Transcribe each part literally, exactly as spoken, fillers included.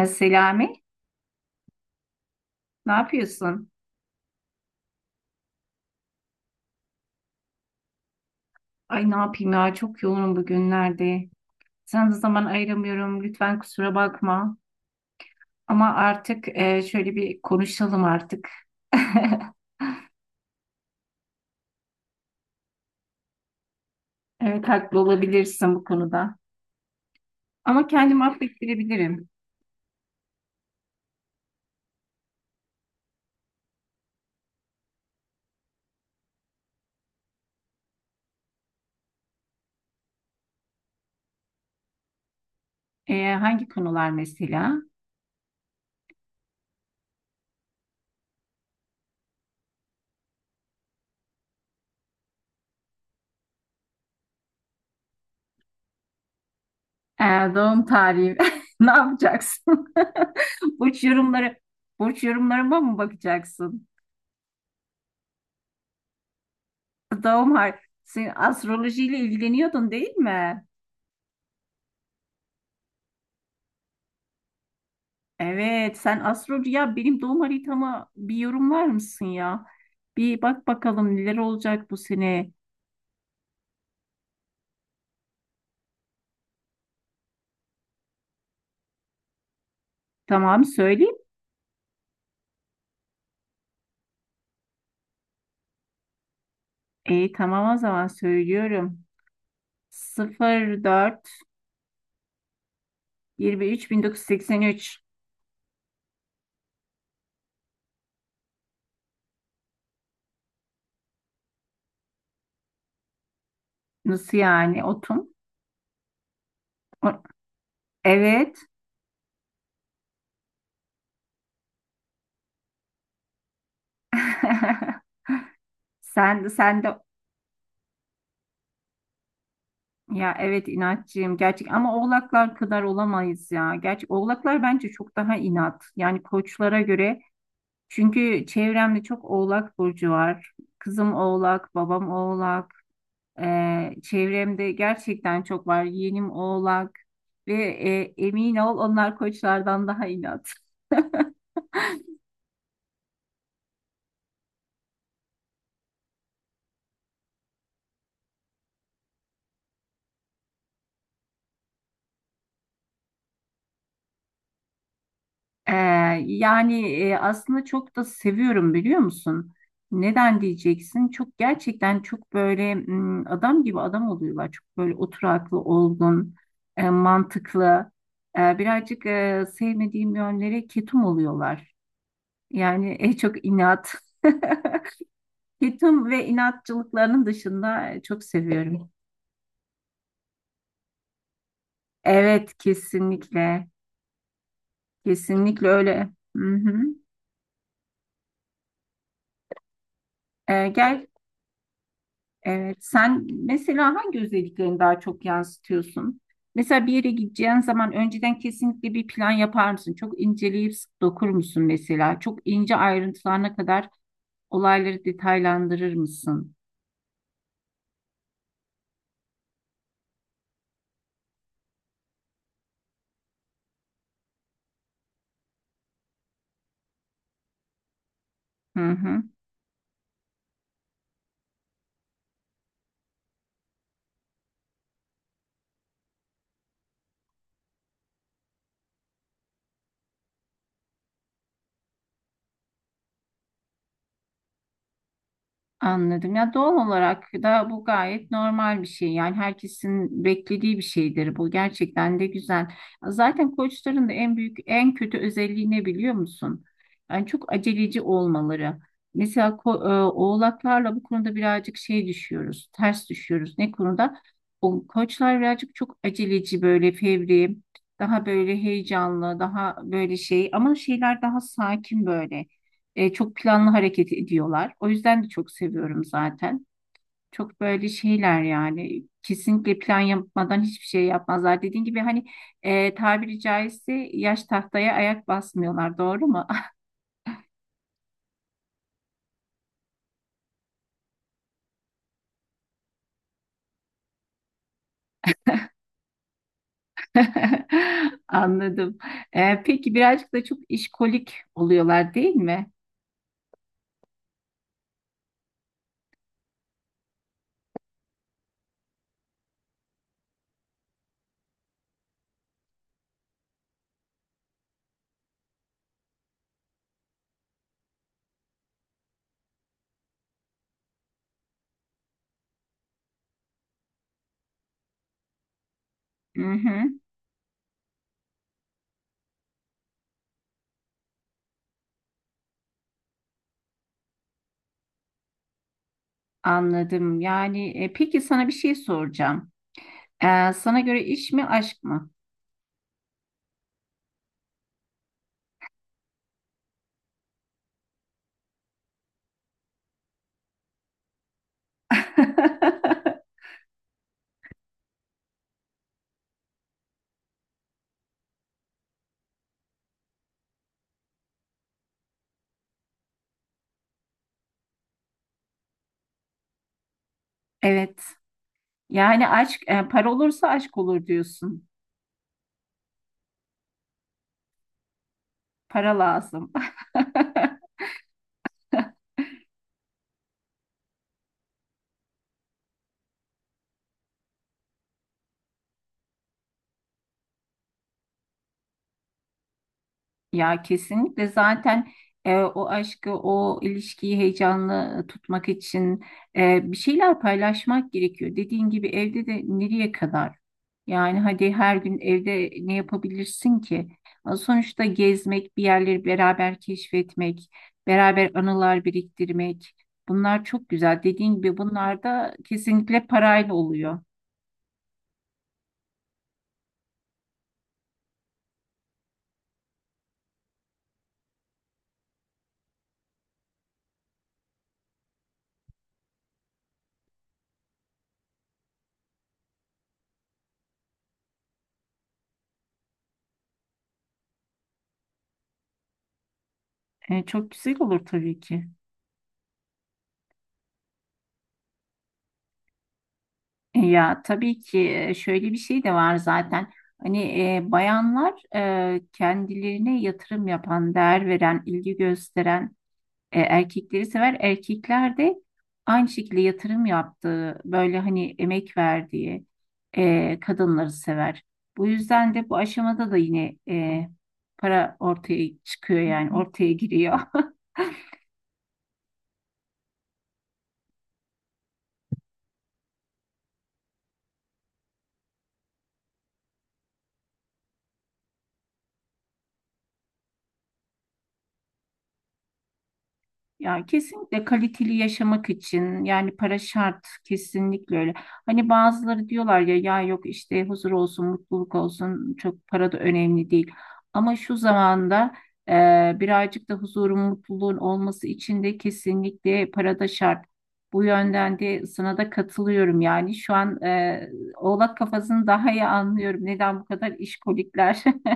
E, Selami, ne yapıyorsun? Ay ne yapayım ya çok yoğunum bugünlerde. Sana da zaman ayıramıyorum. Lütfen kusura bakma. Ama artık e, şöyle bir konuşalım artık. Evet haklı olabilirsin bu konuda. Ama kendimi affettirebilirim. E, hangi konular mesela? Ee, doğum tarihi ne yapacaksın? Burç yorumları burç yorumlarıma mı bakacaksın? Doğum har sen astrolojiyle ilgileniyordun değil mi? Evet, sen astroloji ya benim doğum haritama bir yorumlar mısın ya? Bir bak bakalım neler olacak bu sene. Tamam söyleyeyim. E, tamam o zaman söylüyorum. sıfır dört 23 üç nasıl yani otum? O- Evet. Sen sen de ya evet inatçıyım gerçek ama oğlaklar kadar olamayız ya. Gerçi oğlaklar bence çok daha inat. Yani koçlara göre çünkü çevremde çok oğlak burcu var. Kızım oğlak, babam oğlak. Ee, çevremde gerçekten çok var. Yeğenim oğlak ve e, emin ol onlar koçlardan daha inat. Ee, yani e, aslında çok da seviyorum biliyor musun? Neden diyeceksin? Çok gerçekten çok böyle m, adam gibi adam oluyorlar. Çok böyle oturaklı, olgun, e, mantıklı. E, birazcık e, sevmediğim yönlere ketum oluyorlar. Yani en çok inat. Ketum ve inatçılıklarının dışında e, çok seviyorum. Evet, kesinlikle. Kesinlikle öyle. Hı hı. E, gel evet, sen mesela hangi özelliklerini daha çok yansıtıyorsun? Mesela bir yere gideceğin zaman önceden kesinlikle bir plan yapar mısın? Çok inceleyip sık dokur musun mesela? Çok ince ayrıntılarına kadar olayları detaylandırır mısın? Hı hı. Anladım. Ya doğal olarak da bu gayet normal bir şey. Yani herkesin beklediği bir şeydir bu. Gerçekten de güzel. Zaten koçların da en büyük, en kötü özelliği ne biliyor musun? Yani çok aceleci olmaları. Mesela ko- e, oğlaklarla bu konuda birazcık şey düşüyoruz, ters düşüyoruz. Ne konuda? O koçlar birazcık çok aceleci böyle fevri, daha böyle heyecanlı, daha böyle şey ama şeyler daha sakin böyle. E, çok planlı hareket ediyorlar. O yüzden de çok seviyorum zaten. Çok böyle şeyler yani kesinlikle plan yapmadan hiçbir şey yapmazlar. Dediğin gibi hani e, tabiri caizse yaş tahtaya ayak basmıyorlar. Doğru mu? Anladım. Ee, peki birazcık da çok işkolik oluyorlar değil mi? Hı hı, anladım. Yani e, peki sana bir şey soracağım. Ee, sana göre iş mi aşk mı? Evet. Yani aşk, e, para olursa aşk olur diyorsun. Para lazım. Ya kesinlikle zaten e, o aşkı, o ilişkiyi heyecanlı tutmak için e, bir şeyler paylaşmak gerekiyor. Dediğin gibi evde de nereye kadar? Yani hadi her gün evde ne yapabilirsin ki? Sonuçta gezmek, bir yerleri beraber keşfetmek, beraber anılar biriktirmek. Bunlar çok güzel. Dediğin gibi bunlar da kesinlikle parayla oluyor. E, çok güzel olur tabii ki. E, ya tabii ki e, şöyle bir şey de var zaten. Hani e, bayanlar e, kendilerine yatırım yapan, değer veren, ilgi gösteren e, erkekleri sever. Erkekler de aynı şekilde yatırım yaptığı, böyle hani emek verdiği e, kadınları sever. Bu yüzden de bu aşamada da yine e, para ortaya çıkıyor yani ortaya giriyor. Ya kesinlikle kaliteli yaşamak için yani para şart kesinlikle öyle. Hani bazıları diyorlar ya ya yok işte huzur olsun, mutluluk olsun çok para da önemli değil. Ama şu zamanda e, birazcık da huzurun, mutluluğun olması için de kesinlikle para da şart. Bu yönden de sana da katılıyorum yani şu an e, oğlak kafasını daha iyi anlıyorum. Neden bu kadar işkolikler?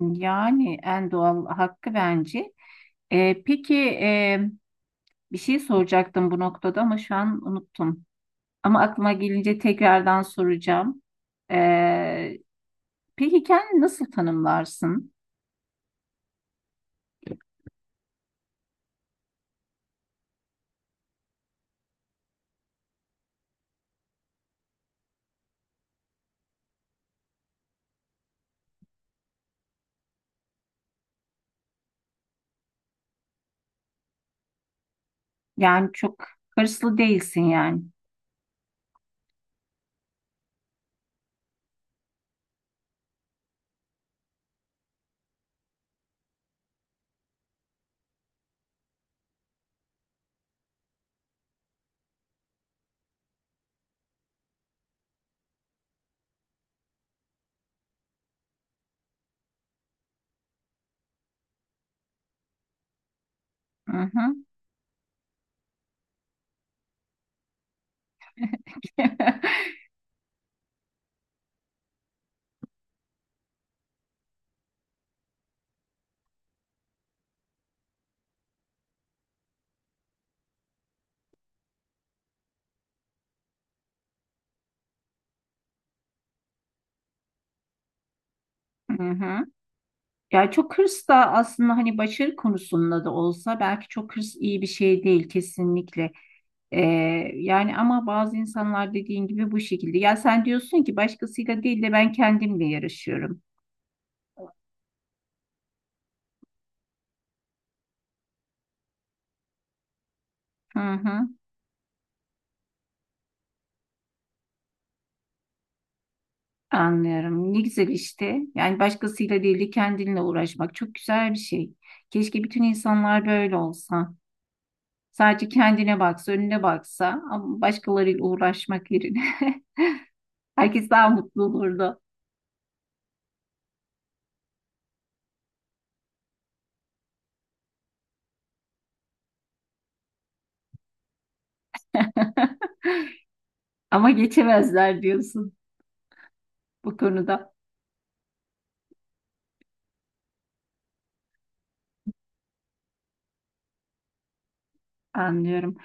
Yani en doğal hakkı bence. E, peki e, Bir şey soracaktım bu noktada ama şu an unuttum. Ama aklıma gelince tekrardan soracağım. Ee, peki kendini nasıl tanımlarsın? Yani çok hırslı değilsin yani. Hı hı. Hı hı. Ya çok hırs da aslında hani başarı konusunda da olsa belki çok hırs iyi bir şey değil kesinlikle. Ee, yani ama bazı insanlar dediğin gibi bu şekilde. Ya sen diyorsun ki başkasıyla değil de ben kendimle yarışıyorum. Hı hı, anlıyorum. Ne güzel işte. Yani başkasıyla değil de kendinle uğraşmak çok güzel bir şey. Keşke bütün insanlar böyle olsa. Sadece kendine baksa, önüne baksa ama başkalarıyla uğraşmak yerine herkes daha mutlu olurdu. Ama geçemezler diyorsun bu konuda. Anlıyorum.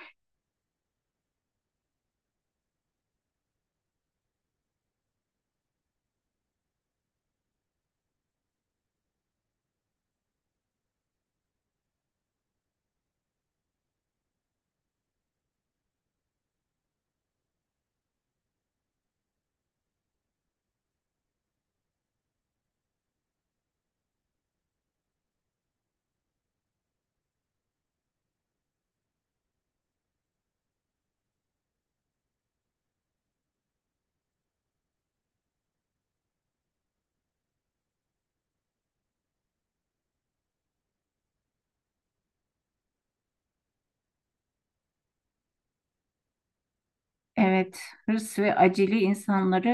Evet, hırs ve acele insanları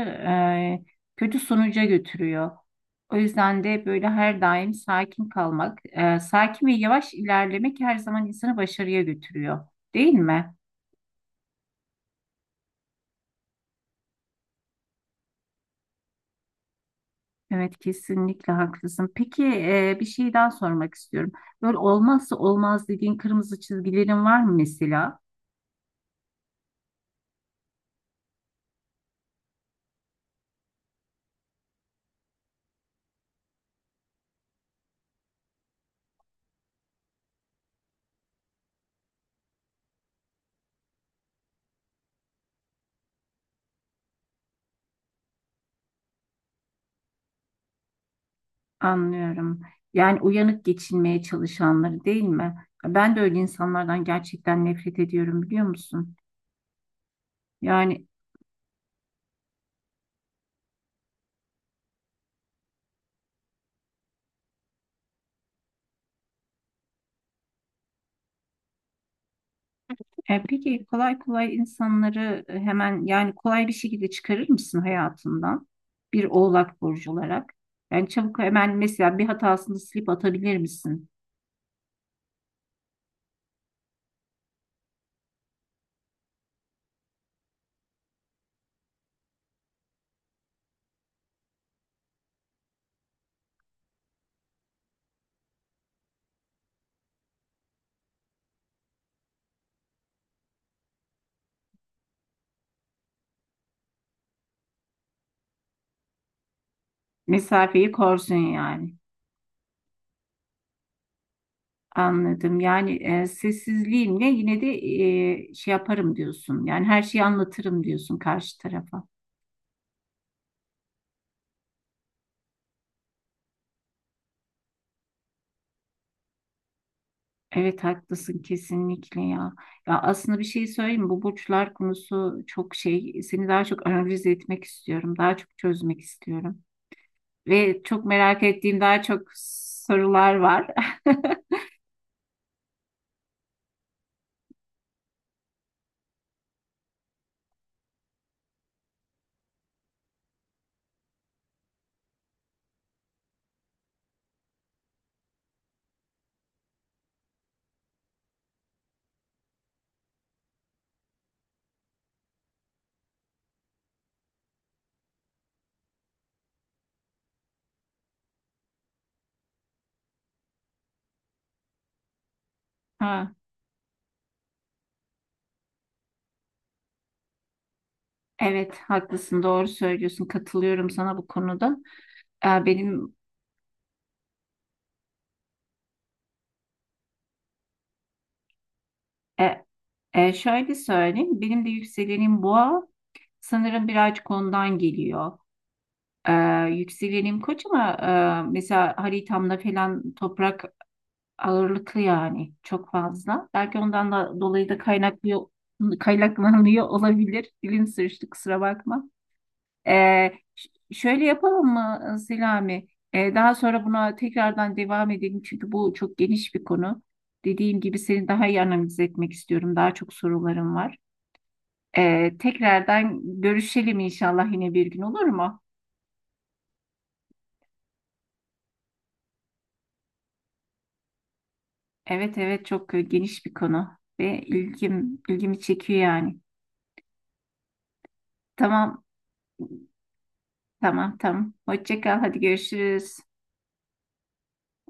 e, kötü sonuca götürüyor. O yüzden de böyle her daim sakin kalmak, e, sakin ve yavaş ilerlemek her zaman insanı başarıya götürüyor, değil mi? Evet kesinlikle haklısın. Peki e, bir şey daha sormak istiyorum. Böyle olmazsa olmaz dediğin kırmızı çizgilerin var mı mesela? Anlıyorum. Yani uyanık geçinmeye çalışanları değil mi? Ben de öyle insanlardan gerçekten nefret ediyorum biliyor musun? Yani E, peki kolay kolay insanları e, hemen yani kolay bir şekilde çıkarır mısın hayatından bir oğlak burcu olarak? Yani çabuk hemen mesela bir hatasını silip atabilir misin? Mesafeyi korsun yani. Anladım. Yani e, sessizliğimle yine de e, şey yaparım diyorsun. Yani her şeyi anlatırım diyorsun karşı tarafa. Evet haklısın kesinlikle ya. Ya aslında bir şey söyleyeyim mi? Bu burçlar konusu çok şey. Seni daha çok analiz etmek istiyorum. Daha çok çözmek istiyorum. Ve çok merak ettiğim daha çok sorular var. Ha, evet haklısın doğru söylüyorsun. Katılıyorum sana bu konuda. E, benim E, şöyle söyleyeyim, benim de yükselenim boğa. Sanırım birazcık ondan geliyor. E, yükselenim koç ama e, mesela haritamda falan toprak ağırlıklı yani çok fazla. Belki ondan da dolayı da kaynaklı kaynaklanıyor olabilir. Dilim sürçtü kusura bakma. E, ş- şöyle yapalım mı Selami? E, daha sonra buna tekrardan devam edelim çünkü bu çok geniş bir konu. Dediğim gibi seni daha iyi analiz etmek istiyorum. Daha çok sorularım var. Ee, tekrardan görüşelim inşallah yine bir gün olur mu? Evet evet çok e, geniş bir konu ve ilgim ilgimi çekiyor yani. Tamam tamam tamam. Hoşça kal hadi görüşürüz.